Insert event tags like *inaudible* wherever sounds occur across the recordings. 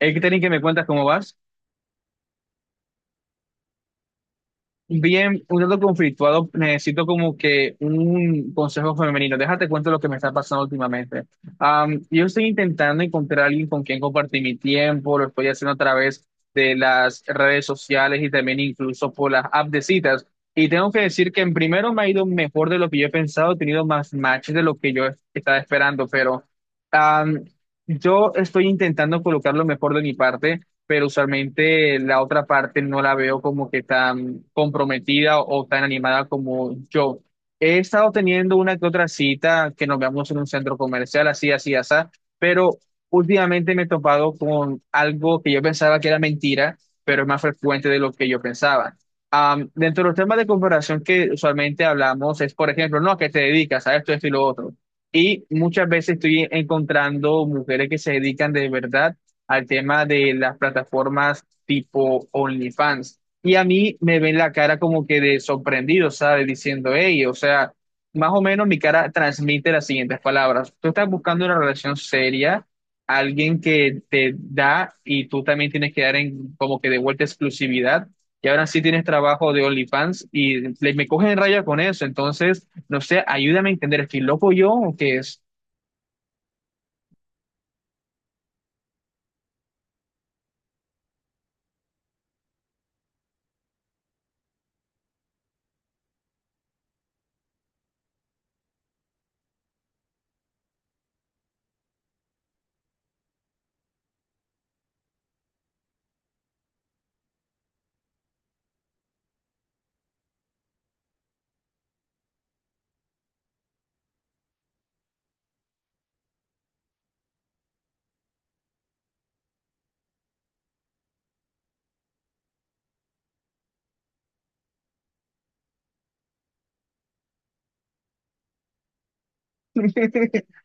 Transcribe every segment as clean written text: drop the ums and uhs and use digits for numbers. Catherine, que me cuentas cómo vas. Bien, un tanto conflictuado, necesito como que un consejo femenino. Déjate cuento lo que me está pasando últimamente. Yo estoy intentando encontrar a alguien con quien compartir mi tiempo, lo estoy haciendo a través de las redes sociales y también incluso por las apps de citas. Y tengo que decir que en primero me ha ido mejor de lo que yo he pensado, he tenido más matches de lo que yo estaba esperando, pero am, yo estoy intentando colocar lo mejor de mi parte, pero usualmente la otra parte no la veo como que tan comprometida o tan animada como yo. He estado teniendo una que otra cita que nos veamos en un centro comercial, así, así, así, pero últimamente me he topado con algo que yo pensaba que era mentira, pero es más frecuente de lo que yo pensaba. Dentro de los temas de comparación que usualmente hablamos es, por ejemplo, no, ¿a qué te dedicas? A esto, esto y lo otro. Y muchas veces estoy encontrando mujeres que se dedican de verdad al tema de las plataformas tipo OnlyFans. Y a mí me ven la cara como que de sorprendido, ¿sabes? Diciendo, hey, o sea, más o menos mi cara transmite las siguientes palabras. Tú estás buscando una relación seria, alguien que te da y tú también tienes que dar en como que de vuelta exclusividad. Y ahora sí tienes trabajo de OnlyFans y me cogen en raya con eso. Entonces, no sé, ayúdame a entender, ¿estoy loco yo o qué es? *laughs*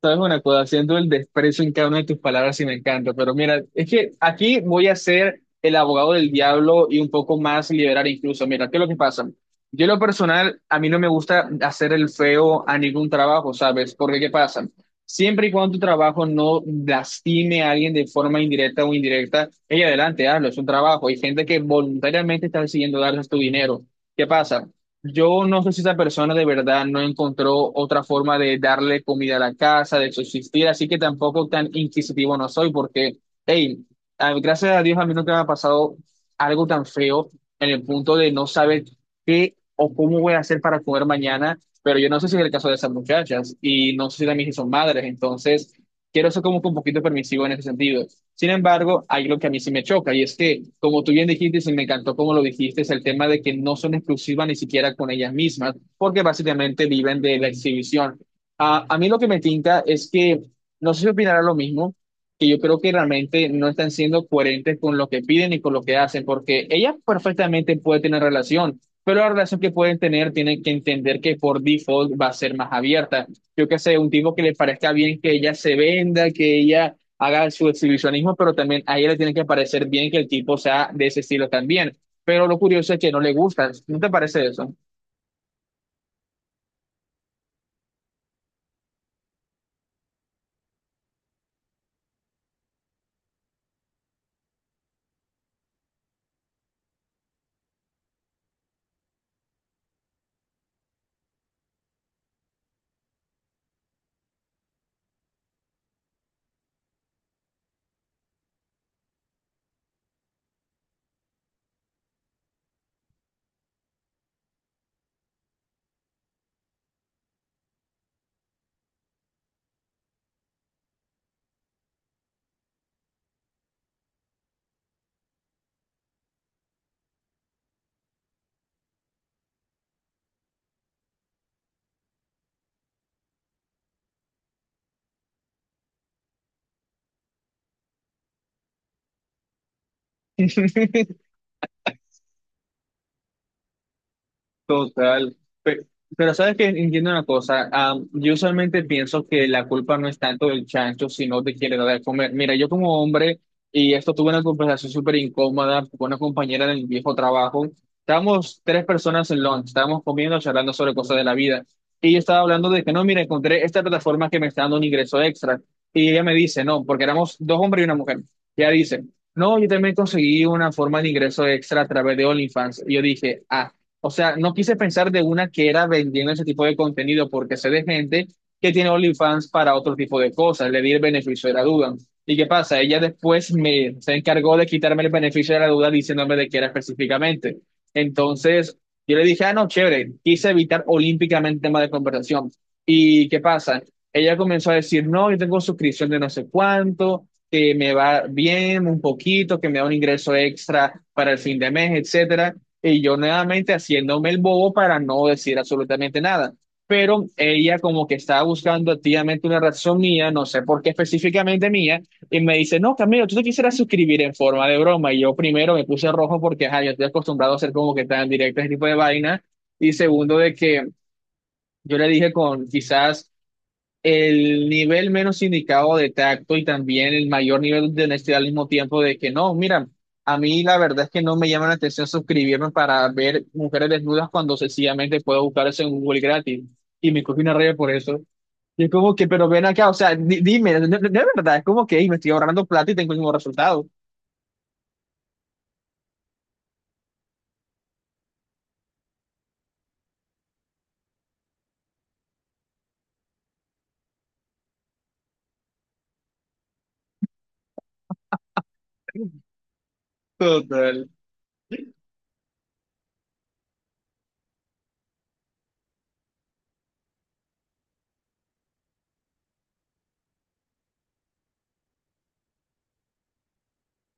Sabes una cosa, haciendo el desprecio en cada una de tus palabras y me encanta, pero mira, es que aquí voy a ser el abogado del diablo y un poco más liberal incluso. Mira, ¿qué es lo que pasa? Yo en lo personal, a mí no me gusta hacer el feo a ningún trabajo, ¿sabes? Porque ¿qué pasa? Siempre y cuando tu trabajo no lastime a alguien de forma indirecta o indirecta, ella adelante, hazlo, es un trabajo. Hay gente que voluntariamente está decidiendo darles tu dinero. ¿Qué pasa? Yo no sé si esa persona de verdad no encontró otra forma de darle comida a la casa, de subsistir, así que tampoco tan inquisitivo no soy, porque, hey, gracias a Dios a mí nunca me ha pasado algo tan feo en el punto de no saber qué o cómo voy a hacer para comer mañana, pero yo no sé si es el caso de esas muchachas y no sé si también si son madres, entonces quiero ser como que un poquito permisivo en ese sentido. Sin embargo, hay lo que a mí sí me choca y es que, como tú bien dijiste, y sí me encantó como lo dijiste, es el tema de que no son exclusivas ni siquiera con ellas mismas, porque básicamente viven de la exhibición. Ah, a mí lo que me tinta es que, no sé si opinará lo mismo, que yo creo que realmente no están siendo coherentes con lo que piden y con lo que hacen, porque ellas perfectamente pueden tener relación, pero la relación que pueden tener tienen que entender que por default va a ser más abierta. Yo qué sé, un tipo que le parezca bien que ella se venda, que ella haga su exhibicionismo, pero también a ella le tiene que parecer bien que el tipo sea de ese estilo también. Pero lo curioso es que no le gusta. ¿No te parece eso? *laughs* Total. Pe- Pero, sabes que entiendo una cosa, yo usualmente pienso que la culpa no es tanto del chancho, sino de quien le da de comer. Mira, yo como hombre, y esto tuve una conversación súper incómoda con una compañera del viejo trabajo, estábamos tres personas en lunch, estábamos comiendo, charlando sobre cosas de la vida, y yo estaba hablando de que no, mira, encontré esta plataforma que me está dando un ingreso extra, y ella me dice, no, porque éramos dos hombres y una mujer, y ella dice, no, yo también conseguí una forma de ingreso extra a través de OnlyFans, y yo dije, ah. O sea, no quise pensar de una que era vendiendo ese tipo de contenido, porque sé de gente que tiene OnlyFans para otro tipo de cosas, le di el beneficio de la duda. ¿Y qué pasa? Ella después me se encargó de quitarme el beneficio de la duda diciéndome de qué era específicamente. Entonces, yo le dije, ah, no, chévere, quise evitar olímpicamente el tema de conversación. ¿Y qué pasa? Ella comenzó a decir, no, yo tengo suscripción de no sé cuánto, que me va bien un poquito, que me da un ingreso extra para el fin de mes, etcétera. Y yo nuevamente haciéndome el bobo para no decir absolutamente nada. Pero ella como que estaba buscando activamente una razón mía, no sé por qué específicamente mía, y me dice, no, Camilo, tú te quisieras suscribir en forma de broma. Y yo primero me puse rojo porque, ajá, yo estoy acostumbrado a ser como que tan directo ese tipo de vaina. Y segundo, de que yo le dije con quizás el nivel menos indicado de tacto y también el mayor nivel de honestidad al mismo tiempo de que no, mira, a mí la verdad es que no me llama la atención suscribirme para ver mujeres desnudas cuando sencillamente puedo buscar eso en Google gratis y me coge una raya por eso. Y es como que, pero ven acá, o sea, dime, de verdad, es como que "Ey, me estoy ahorrando plata y tengo el mismo resultado. Total.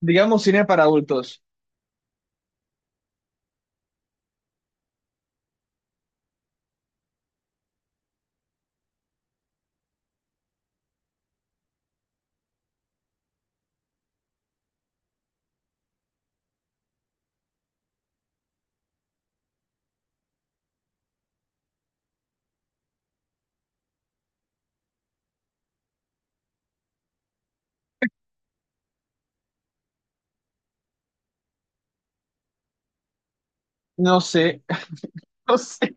Digamos cine para adultos. No sé, *laughs* no sé.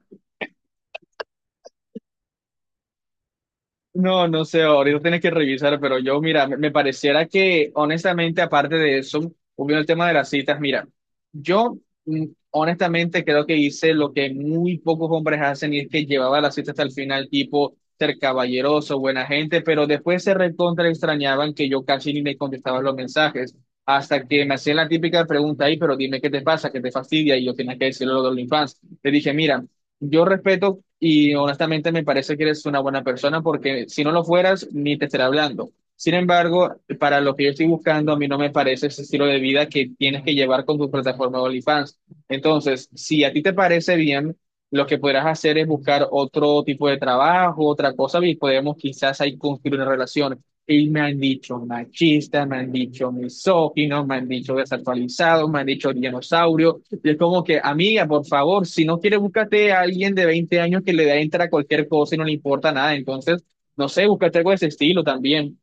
No, no sé, ahorita tienes que revisar, pero yo, mira, me pareciera que, honestamente, aparte de eso, volviendo el tema de las citas, mira, yo, mm, honestamente, creo que hice lo que muy pocos hombres hacen y es que llevaba la cita hasta el final, tipo, ser caballeroso, buena gente, pero después se recontra extrañaban que yo casi ni me contestaba los mensajes, hasta que me hacían la típica pregunta ahí, pero dime qué te pasa, qué te fastidia, y yo tenía que decirlo lo de OnlyFans. Le dije, mira, yo respeto y honestamente me parece que eres una buena persona porque si no lo fueras, ni te estaré hablando. Sin embargo, para lo que yo estoy buscando, a mí no me parece ese estilo de vida que tienes que llevar con tu plataforma de OnlyFans. Entonces, si a ti te parece bien, lo que podrás hacer es buscar otro tipo de trabajo, otra cosa, y podemos quizás ahí construir una relación. Y me han dicho machista, me han dicho misógino, me han dicho desactualizado, me han dicho dinosaurio. Y es como que, amiga, por favor, si no quieres, búscate a alguien de 20 años que le da entra a cualquier cosa y no le importa nada. Entonces, no sé, búscate algo de ese estilo también.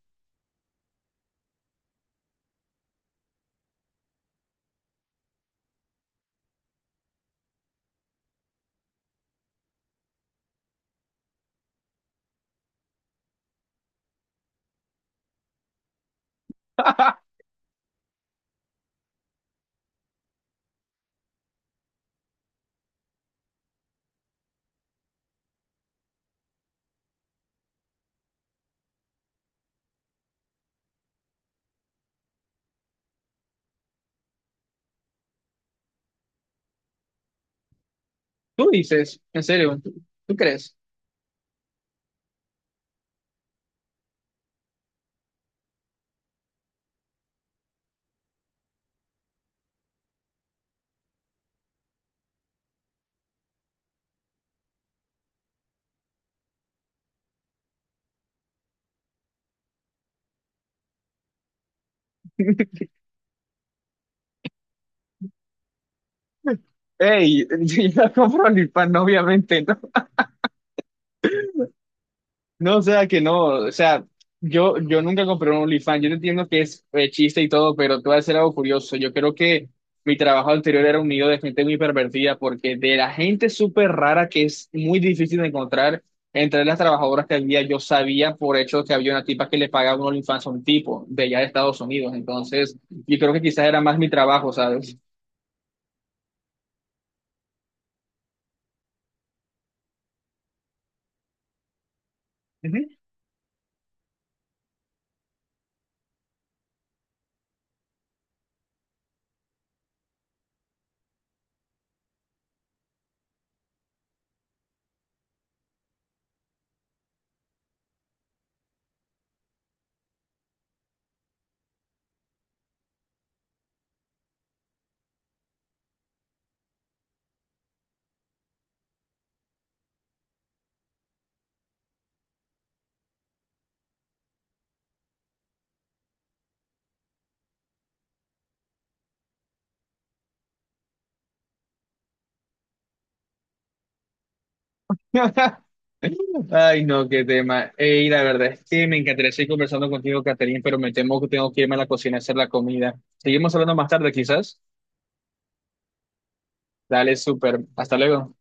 *laughs* Tú dices, en serio, tú crees? Ey, *laughs* yo compro OnlyFans, obviamente, ¿no? No, o sea que no, o sea, yo nunca compré un OnlyFans, yo no entiendo que es chiste y todo, pero te voy a decir algo curioso, yo creo que mi trabajo anterior era un nido de gente muy pervertida, porque de la gente súper rara que es muy difícil de encontrar, entre las trabajadoras que había, yo sabía por hecho que había una tipa que le pagaba un OnlyFans a un tipo de allá de Estados Unidos, entonces yo creo que quizás era más mi trabajo, ¿sabes? *laughs* Ay, no, qué tema. Ey, la verdad es que me encantaría seguir conversando contigo, Catherine, pero me temo que tengo que irme a la cocina a hacer la comida. Seguimos hablando más tarde, quizás. Dale, súper. Hasta luego.